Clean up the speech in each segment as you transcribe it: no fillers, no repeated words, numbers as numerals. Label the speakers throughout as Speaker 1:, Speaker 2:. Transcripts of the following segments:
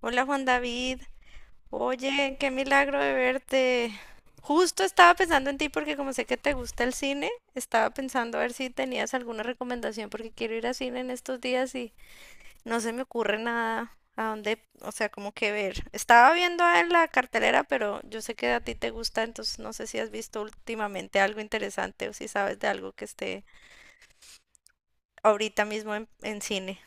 Speaker 1: Hola Juan David, oye, qué milagro de verte. Justo estaba pensando en ti porque como sé que te gusta el cine, estaba pensando a ver si tenías alguna recomendación porque quiero ir al cine en estos días y no se me ocurre nada a dónde, o sea, como que ver. Estaba viendo en la cartelera, pero yo sé que a ti te gusta, entonces no sé si has visto últimamente algo interesante o si sabes de algo que esté ahorita mismo en cine.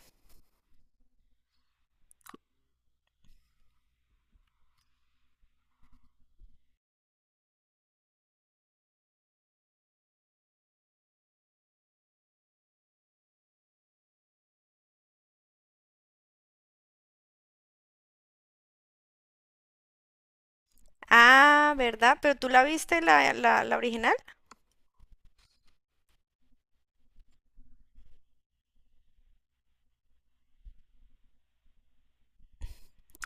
Speaker 1: Ah, ¿verdad? ¿Pero tú la viste la original?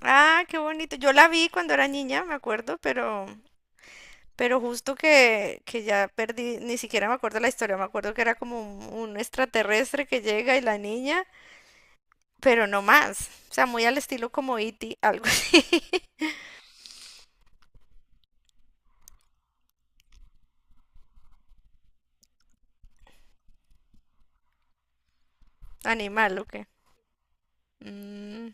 Speaker 1: Ah, qué bonito. Yo la vi cuando era niña, me acuerdo, pero justo que ya perdí, ni siquiera me acuerdo la historia, me acuerdo que era como un extraterrestre que llega y la niña, pero no más. O sea, muy al estilo como E.T., algo así. Animal, ¿o qué? Mm,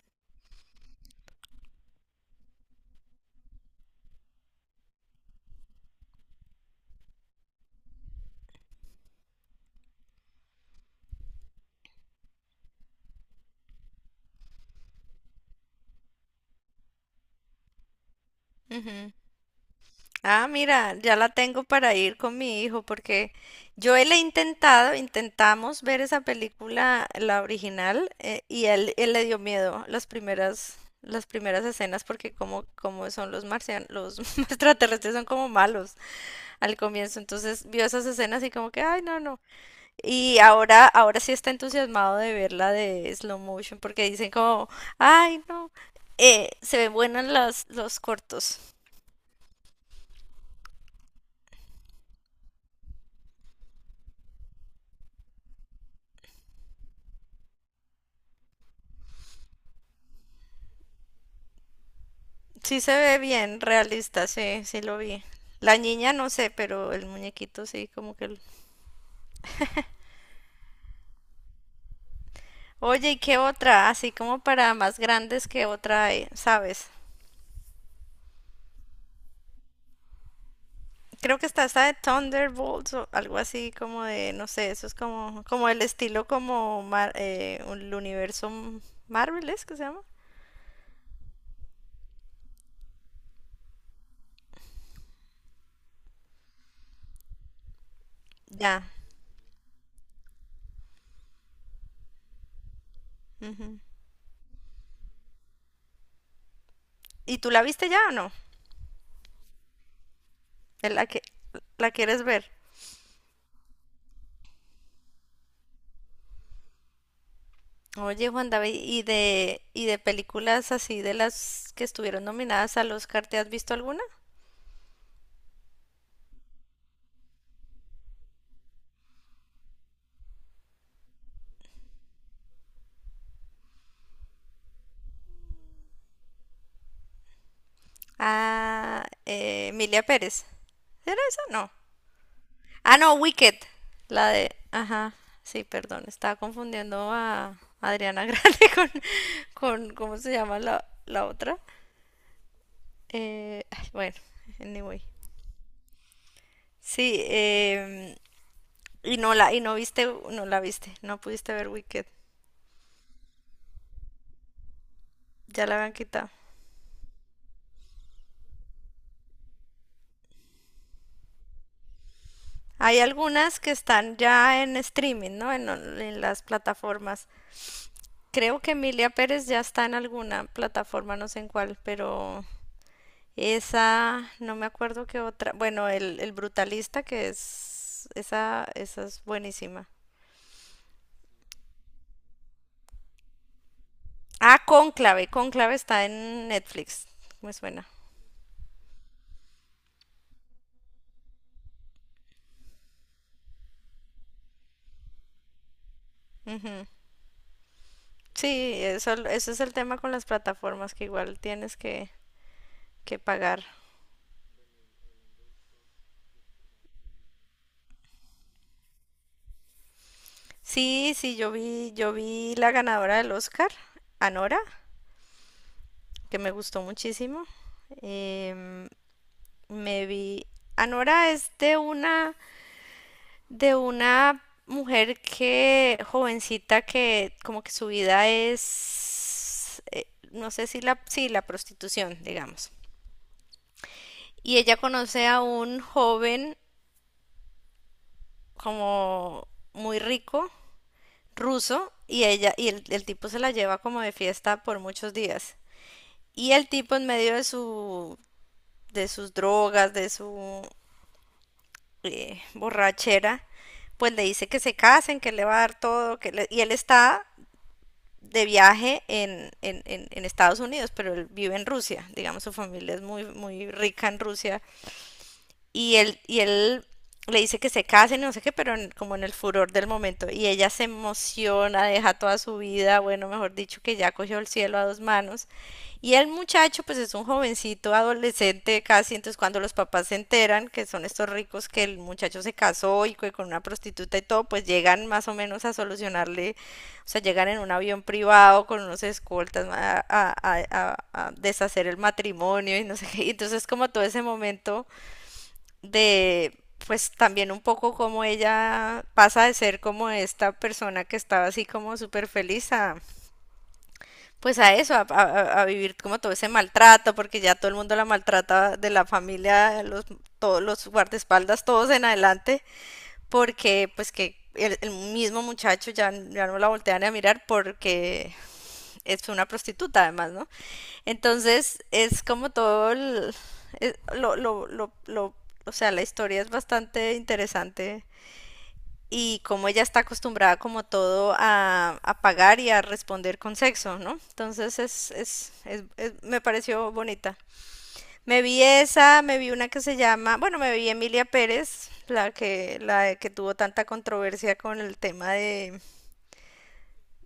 Speaker 1: ujú. Ah, mira, ya la tengo para ir con mi hijo porque yo él he intentado, intentamos ver esa película, la original, y él le dio miedo las primeras escenas porque como, como son los marcianos, los extraterrestres son como malos al comienzo, entonces vio esas escenas y como que, ay, no, no. Y ahora, ahora sí está entusiasmado de verla de slow motion porque dicen como, ay, no, se ven buenas las, los cortos. Sí se ve bien realista, sí, sí lo vi. La niña no sé, pero el muñequito sí, como que... Oye, ¿y qué otra? Así como para más grandes, ¿qué otra hay? ¿Sabes? Creo que está esta de Thunderbolts o algo así como de, no sé, eso es como, como el estilo como el universo Marvel, ¿es que se llama? Ya. Ujú. ¿Y tú la viste ya o no? ¿La que la quieres ver? Oye, Juan David, ¿y y de películas así de las que estuvieron nominadas al Oscar, ¿te has visto alguna? Ah, Emilia Pérez. ¿Era esa? No. Ah, no, Wicked. La de... Ajá, sí, perdón, estaba confundiendo a Adriana Grande con ¿cómo se llama la otra? Ay, bueno, anyway. Sí, y y no viste, no la viste, no pudiste ver Wicked. Ya la habían quitado. Hay algunas que están ya en streaming, ¿no? En las plataformas. Creo que Emilia Pérez ya está en alguna plataforma, no sé en cuál, pero esa, no me acuerdo qué otra. Bueno, el Brutalista, que es, esa es buenísima. Ah, Cónclave, Cónclave está en Netflix, me suena. Ujú. Sí, eso es el tema con las plataformas, que igual tienes que pagar. Sí, sí, yo vi la ganadora del Oscar, Anora, que me gustó muchísimo. Em, me vi. Anora es de una mujer que, jovencita, que como que su vida es, no sé si la, sí, la prostitución, digamos. Y ella conoce a un joven como muy rico, ruso, y ella, y el tipo se la lleva como de fiesta por muchos días. Y el tipo en medio de su, de sus drogas, de su borrachera, pues le dice que se casen, que le va a dar todo, y él está de viaje en Estados Unidos, pero él vive en Rusia, digamos, su familia es muy, muy rica en Rusia y él le dice que se casen, no sé qué, pero como en el furor del momento. Y ella se emociona, deja toda su vida, bueno, mejor dicho, que ya cogió el cielo a dos manos. Y el muchacho, pues es un jovencito, adolescente casi, entonces cuando los papás se enteran que son estos ricos, que el muchacho se casó y que con una prostituta y todo, pues llegan más o menos a solucionarle, o sea, llegan en un avión privado con unos escoltas a deshacer el matrimonio y no sé qué. Y entonces como todo ese momento de, pues también un poco cómo ella pasa de ser como esta persona que estaba así como súper feliz a, pues a eso, a vivir como todo ese maltrato, porque ya todo el mundo la maltrata de la familia, los, todos los guardaespaldas, todos en adelante, porque pues que el mismo muchacho ya, ya no la voltean a mirar porque es una prostituta además, ¿no? Entonces es como todo el, es- lo, lo, lo, lo- o sea, la historia es bastante interesante y como ella está acostumbrada como todo a pagar y a responder con sexo, ¿no? Entonces es, me pareció bonita. Me vi esa, me vi una que se llama, bueno, me vi Emilia Pérez, la que tuvo tanta controversia con el tema de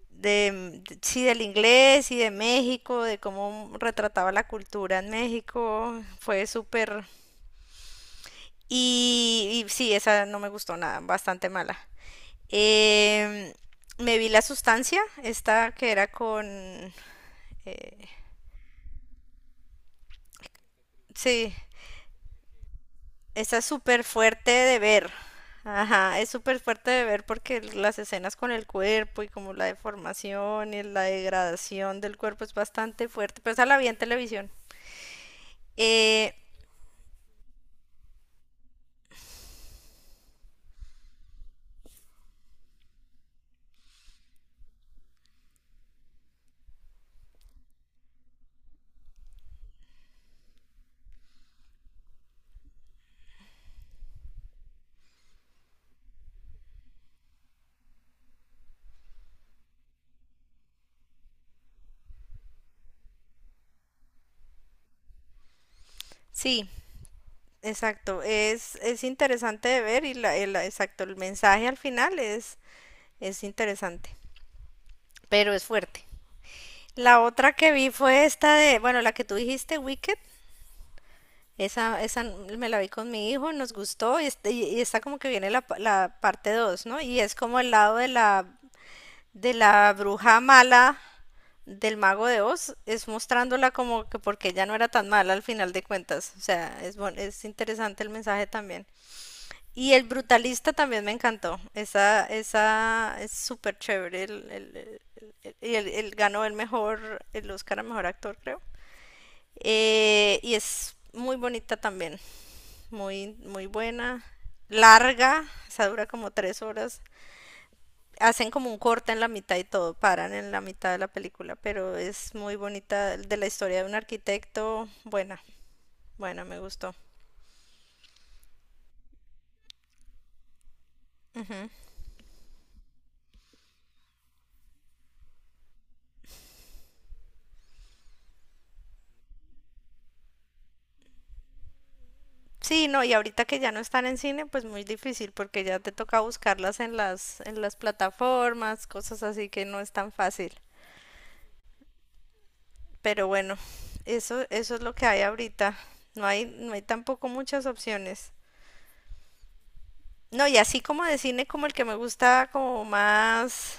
Speaker 1: de, de- sí, del inglés y de México, de cómo retrataba la cultura en México, fue súper... Y, y sí, esa no me gustó nada, bastante mala. Em, me vi La Sustancia, esta que era con... eh, sí, esta es súper fuerte de ver. Ajá, es súper fuerte de ver porque las escenas con el cuerpo y como la deformación y la degradación del cuerpo es bastante fuerte, pero esa la vi en televisión. Eh, sí, Exacto, es interesante de ver y exacto, el mensaje al final es interesante, pero es fuerte. La otra que vi fue esta de, bueno, la que tú dijiste, Wicked, esa me la vi con mi hijo, nos gustó y, y está como que viene la parte 2, ¿no? Y es como el lado de de la bruja mala del mago de Oz, es mostrándola como que porque ella no era tan mala al final de cuentas, o sea, es interesante el mensaje también. Y el brutalista también me encantó. Esa es súper chévere. El ganó el mejor, el Oscar a mejor actor, creo. Y es muy bonita también. Muy, muy buena. Larga. Esa dura como tres horas. Hacen como un corte en la mitad y todo. Paran en la mitad de la película. Pero es muy bonita. De la historia de un arquitecto. Buena. Buena, me gustó. Sí, no, y ahorita que ya no están en cine, pues muy difícil porque ya te toca buscarlas en las plataformas, cosas así que no es tan fácil. Pero bueno, eso es lo que hay ahorita. No hay tampoco muchas opciones. No, y así como de cine como el que me gusta como más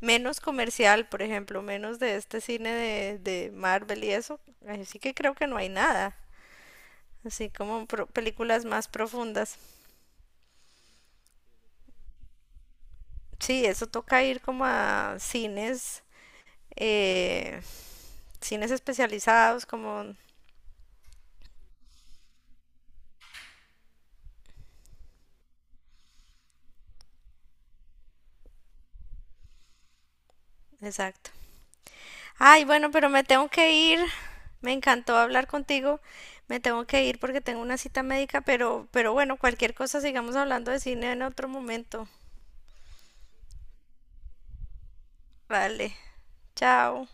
Speaker 1: menos comercial, por ejemplo, menos de este cine de Marvel y eso, ahí sí que creo que no hay nada. Así como películas más profundas. Sí, eso toca ir como a cines eh, cines especializados, como... Exacto. Ay, bueno, pero me tengo que ir. Me encantó hablar contigo. Me tengo que ir porque tengo una cita médica, pero bueno, cualquier cosa sigamos hablando de cine en otro momento. Vale, chao.